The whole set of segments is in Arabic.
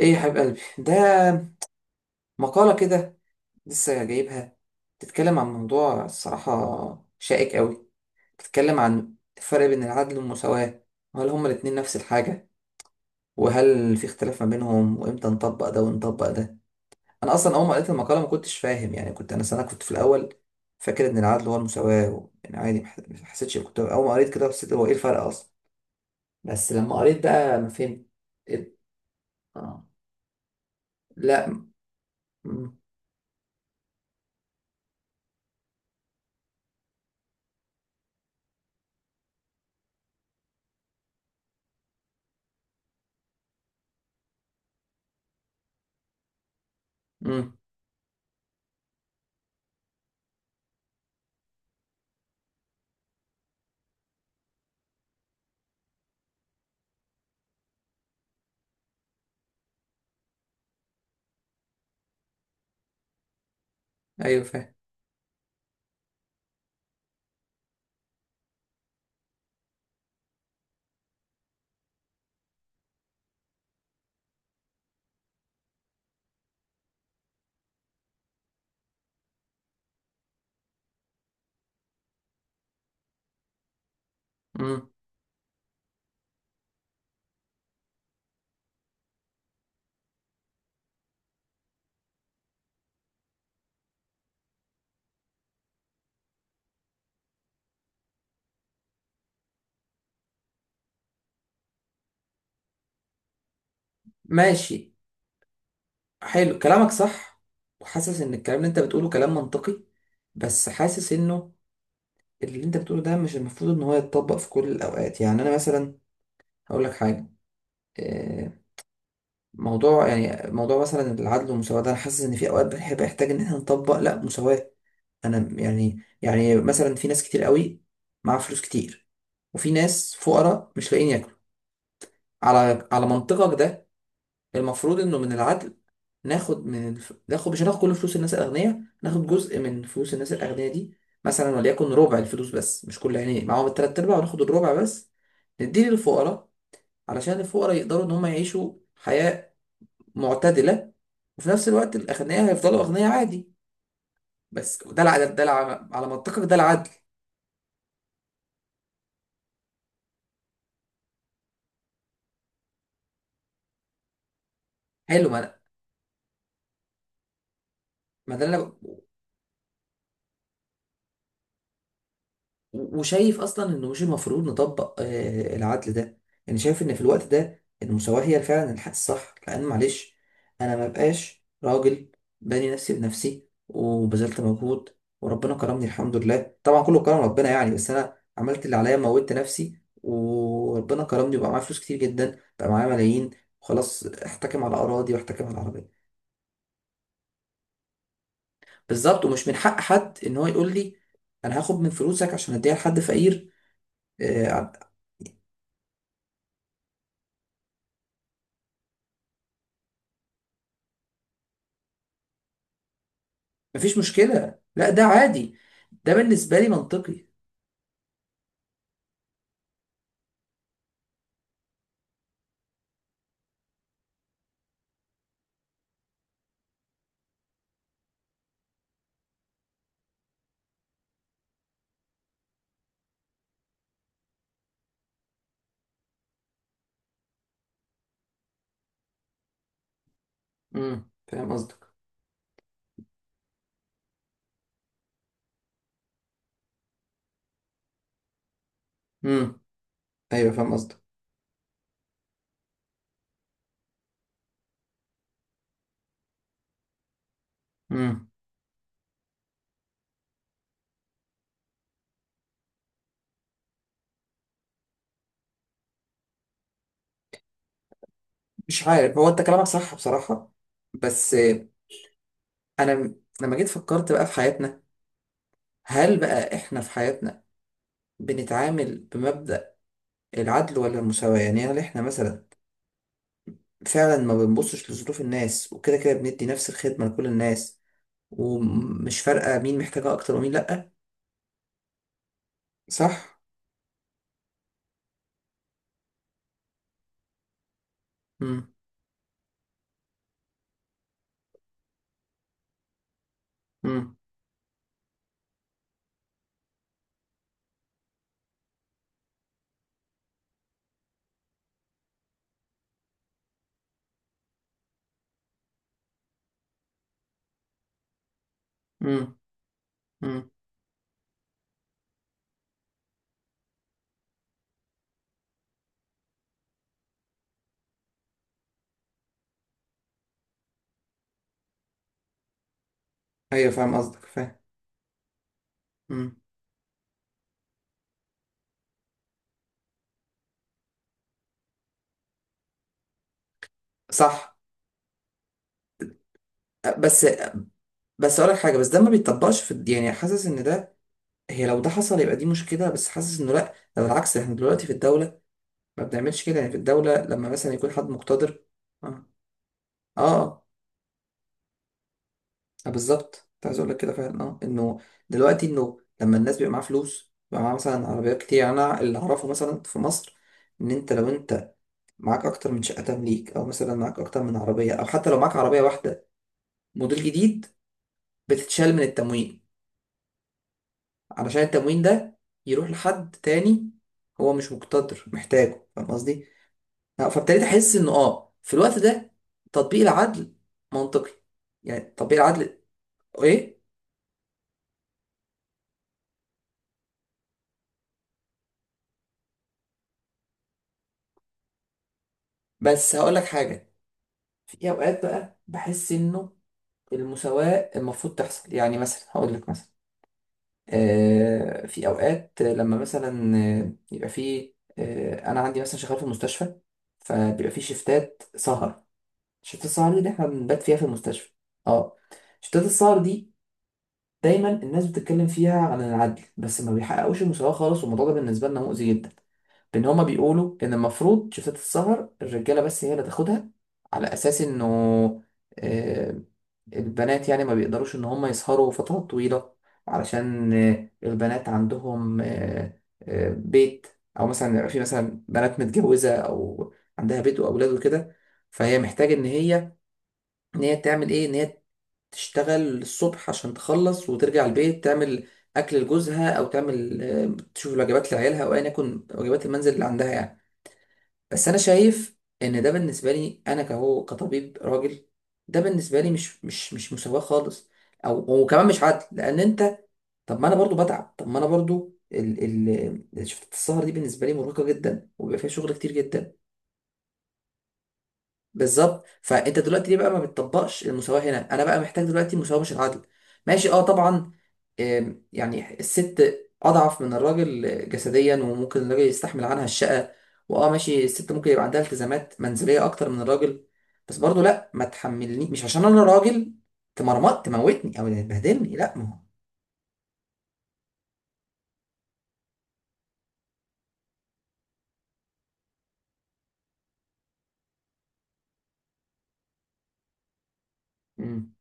ايه يا حبيب قلبي ده؟ مقالة كده لسه جايبها. بتتكلم عن موضوع الصراحة شائك قوي. بتتكلم عن الفرق بين العدل والمساواة، وهل هما الاتنين نفس الحاجة، وهل في اختلاف ما بينهم، وامتى نطبق ده ونطبق ده. انا اصلا اول ما قريت المقالة ما كنتش فاهم، يعني كنت انا سنة كنت في الاول، فاكر ان العدل هو المساواة يعني عادي ما حسيتش، كنت اول ما قريت كده حسيت هو ايه الفرق اصلا. بس لما قريت بقى ما فهمت. إيه- آه. لا. م... م... ايوه، فاهم. مم. ماشي، حلو كلامك صح. وحاسس ان الكلام اللي انت بتقوله كلام منطقي، بس حاسس انه اللي انت بتقوله ده مش المفروض ان هو يتطبق في كل الاوقات. يعني انا مثلا هقول لك حاجه، آه، موضوع موضوع مثلا العدل والمساواه ده، انا حاسس ان في اوقات بنحب احتاج ان احنا نطبق لا مساواه. انا يعني مثلا في ناس كتير قوي مع فلوس كتير، وفي ناس فقراء مش لاقيين ياكلوا. على منطقك ده، المفروض انه من العدل ناخد ناخد، مش هناخد كل فلوس الناس الاغنياء، ناخد جزء من فلوس الناس الاغنياء دي، مثلا وليكن ربع الفلوس بس، مش كل، يعني معاهم التلات ارباع وناخد الربع بس، نديه للفقراء علشان الفقراء يقدروا ان هم يعيشوا حياة معتدلة، وفي نفس الوقت الاغنياء هيفضلوا اغنياء عادي. بس ده العدل، على منطقك ده العدل. حلو. ما ده اللي انا، وشايف اصلا انه مش المفروض نطبق العدل ده. يعني شايف ان في الوقت ده المساواة هي فعلا الحل الصح، لان معلش انا ما بقاش راجل باني نفسي بنفسي وبذلت مجهود وربنا كرمني، الحمد لله طبعا كله كرم ربنا يعني، بس انا عملت اللي عليا، موتت نفسي وربنا كرمني وبقى معايا فلوس كتير جدا، بقى معايا ملايين، وخلاص احتكم على اراضي واحتكم على عربيه. بالظبط، ومش من حق حد ان هو يقول لي انا هاخد من فلوسك عشان اديها لحد فقير. آه، مفيش مشكلة، لا ده عادي. ده بالنسبة لي منطقي. امم، فاهم قصدك. امم. ايوه فاهم قصدك. امم. مش عارف، هو انت كلامك صح بصراحة، بس انا لما جيت فكرت بقى في حياتنا، هل بقى احنا في حياتنا بنتعامل بمبدأ العدل ولا المساواة؟ يعني هل احنا مثلا فعلا ما بنبصش لظروف الناس وكده كده بندي نفس الخدمة لكل الناس، ومش فارقة مين محتاجها اكتر ومين لأ؟ صح. امم. امم. امم. امم. ايوه، فاهم قصدك، فاهم. مم. صح. بس بس اقول لك حاجه، بس ده ما بيتطبقش يعني حاسس ان ده، هي لو ده حصل يبقى دي مشكله، بس حاسس انه لا، ده بالعكس، احنا دلوقتي في الدوله ما بنعملش كده، يعني في الدوله لما مثلا يكون حد مقتدر. اه. اه, آه بالظبط، كنت عايز اقول لك كده فعلا، اه انه دلوقتي انه لما الناس بيبقى معاها فلوس، بيبقى معاها مثلا عربيات كتير، يعني انا اللي اعرفه مثلا في مصر ان انت لو انت معاك اكتر من شقه تمليك، او مثلا معاك اكتر من عربيه، او حتى لو معاك عربيه واحده موديل جديد، بتتشال من التموين علشان التموين ده يروح لحد تاني، هو مش مقتدر، محتاجه، فاهم قصدي؟ فابتديت أحس إنه آه في الوقت ده تطبيق العدل منطقي. يعني تطبيق العدل. إيه؟ بس هقول لك حاجة، في أوقات بقى بحس إنه المساواة المفروض تحصل، يعني مثلا هقول لك مثلا، آه في أوقات لما مثلا يبقى في آه، أنا عندي مثلا شغال في المستشفى، فبيبقى في شيفتات سهر. شفتات السهر دي اللي احنا بنبات فيها في المستشفى. اه. شفتات السهر دي دايما الناس بتتكلم فيها عن العدل، بس ما بيحققوش المساواة خالص، والموضوع ده بالنسبة لنا مؤذي جدا، بان هما بيقولوا ان المفروض شفتات السهر الرجالة بس هي اللي تاخدها، على اساس انه آه، البنات يعني ما بيقدروش ان هما يسهروا فترات طويلة، علشان البنات عندهم بيت، او مثلا يبقى في مثلا بنات متجوزة او عندها بيت واولاد وكده، فهي محتاجة ان هي، ان هي تعمل ايه، ان هي تشتغل الصبح عشان تخلص وترجع البيت تعمل اكل لجوزها، او تعمل تشوف الوجبات لعيالها، او ايا يكن واجبات المنزل اللي عندها يعني. بس انا شايف ان ده بالنسبه لي انا كهو كطبيب راجل، ده بالنسبه لي مش مساواه خالص، او وكمان مش عدل، لان انت، طب ما انا برضو بتعب، طب ما انا برضو ال شفت السهر دي بالنسبه لي مرهقه جدا، وبيبقى فيها شغل كتير جدا. بالظبط، فانت دلوقتي ليه بقى ما بتطبقش المساواه هنا؟ انا بقى محتاج دلوقتي المساواه مش العدل. ماشي، اه طبعا. آم، يعني الست اضعف من الراجل جسديا، وممكن الراجل يستحمل عنها الشقه، واه ماشي، الست ممكن يبقى عندها التزامات منزليه اكتر من الراجل، بس برضه لا، ما تحملني مش عشان انا راجل تمرمط تموتني او تبهدلني، لا. ما هو. مم.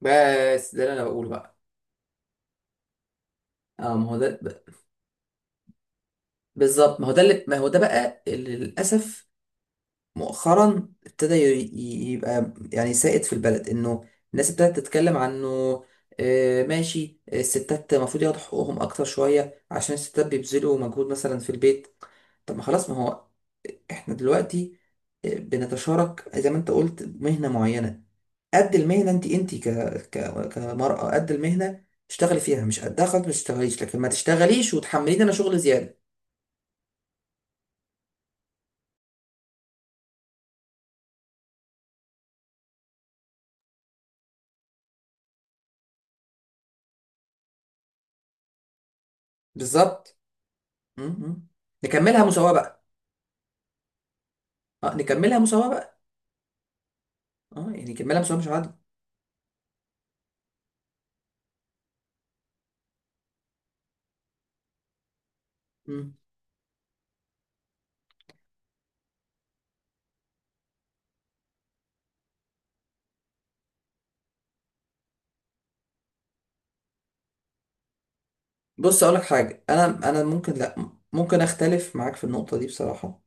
بس ده اللي انا بقوله بقى. اه ما هو ده، بالظبط، ما هو ده اللي، ما هو ده بقى اللي للاسف مؤخرا ابتدى يبقى يعني سائد في البلد، انه الناس ابتدت تتكلم عنه. ماشي، الستات المفروض ياخدوا حقوقهم اكتر شوية عشان الستات بيبذلوا مجهود مثلا في البيت. طب ما خلاص، ما هو احنا دلوقتي بنتشارك زي ما انت قلت مهنة معينة، قد المهنة، كمرأة قد المهنة اشتغلي فيها، مش قدها خلاص ما تشتغليش، لكن ما تشتغليش وتحمليني انا شغل زيادة. بالظبط. م- م. نكملها مساواة بقى. اه نكملها مساواة بقى. اه يعني كملها، بس هو مش عادل. مم. بص اقول لك حاجه، انا ممكن، لا ممكن اختلف معاك في النقطه دي بصراحه.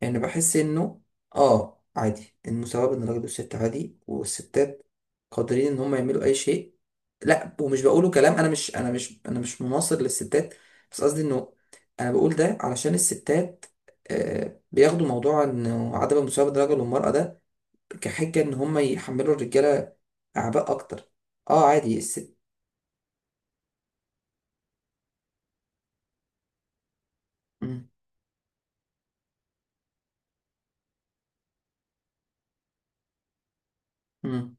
يعني بحس انه اه عادي المساواه بين الراجل والست عادي، والستات قادرين ان هم يعملوا اي شيء. لا ومش بقوله كلام، انا مش، انا مش مناصر للستات، بس قصدي انه انا بقول ده علشان الستات آه بياخدوا موضوع انه عدم المساواه بين الرجل والمراه ده كحجه ان هم يحملوا الرجاله اعباء اكتر. اه عادي الست. مم. مم.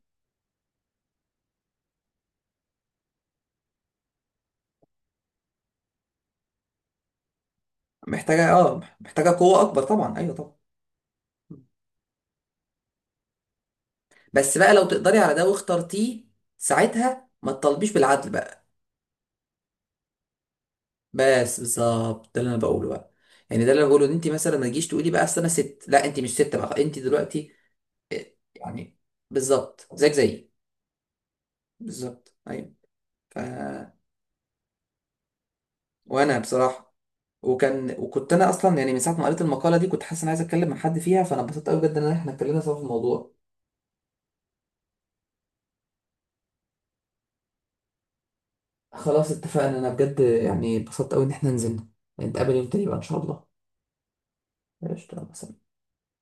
محتاجة، اه محتاجة قوة أكبر طبعا، أيوه طبعا. بس بقى لو تقدري على ده واخترتيه، ساعتها ما تطالبيش بالعدل بقى. بس بالظبط ده اللي انا بقوله بقى. يعني ده اللي انا بقوله، ان انت مثلا ما تجيش تقولي بقى اصل انا ست، لا انت مش ست بقى انت دلوقتي، يعني، بالظبط زيك زيي. بالظبط ايوه. ف، وانا بصراحه، وكنت انا اصلا يعني من ساعه ما قريت المقاله دي كنت حاسس ان عايز اتكلم مع حد فيها، فانا اتبسطت قوي بجد ان احنا اتكلمنا سوا في الموضوع. خلاص اتفقنا، انا بجد يعني اتبسطت قوي ان احنا نزلنا، نتقابل يوم تاني بقى ان شاء الله. قشطة مثلا.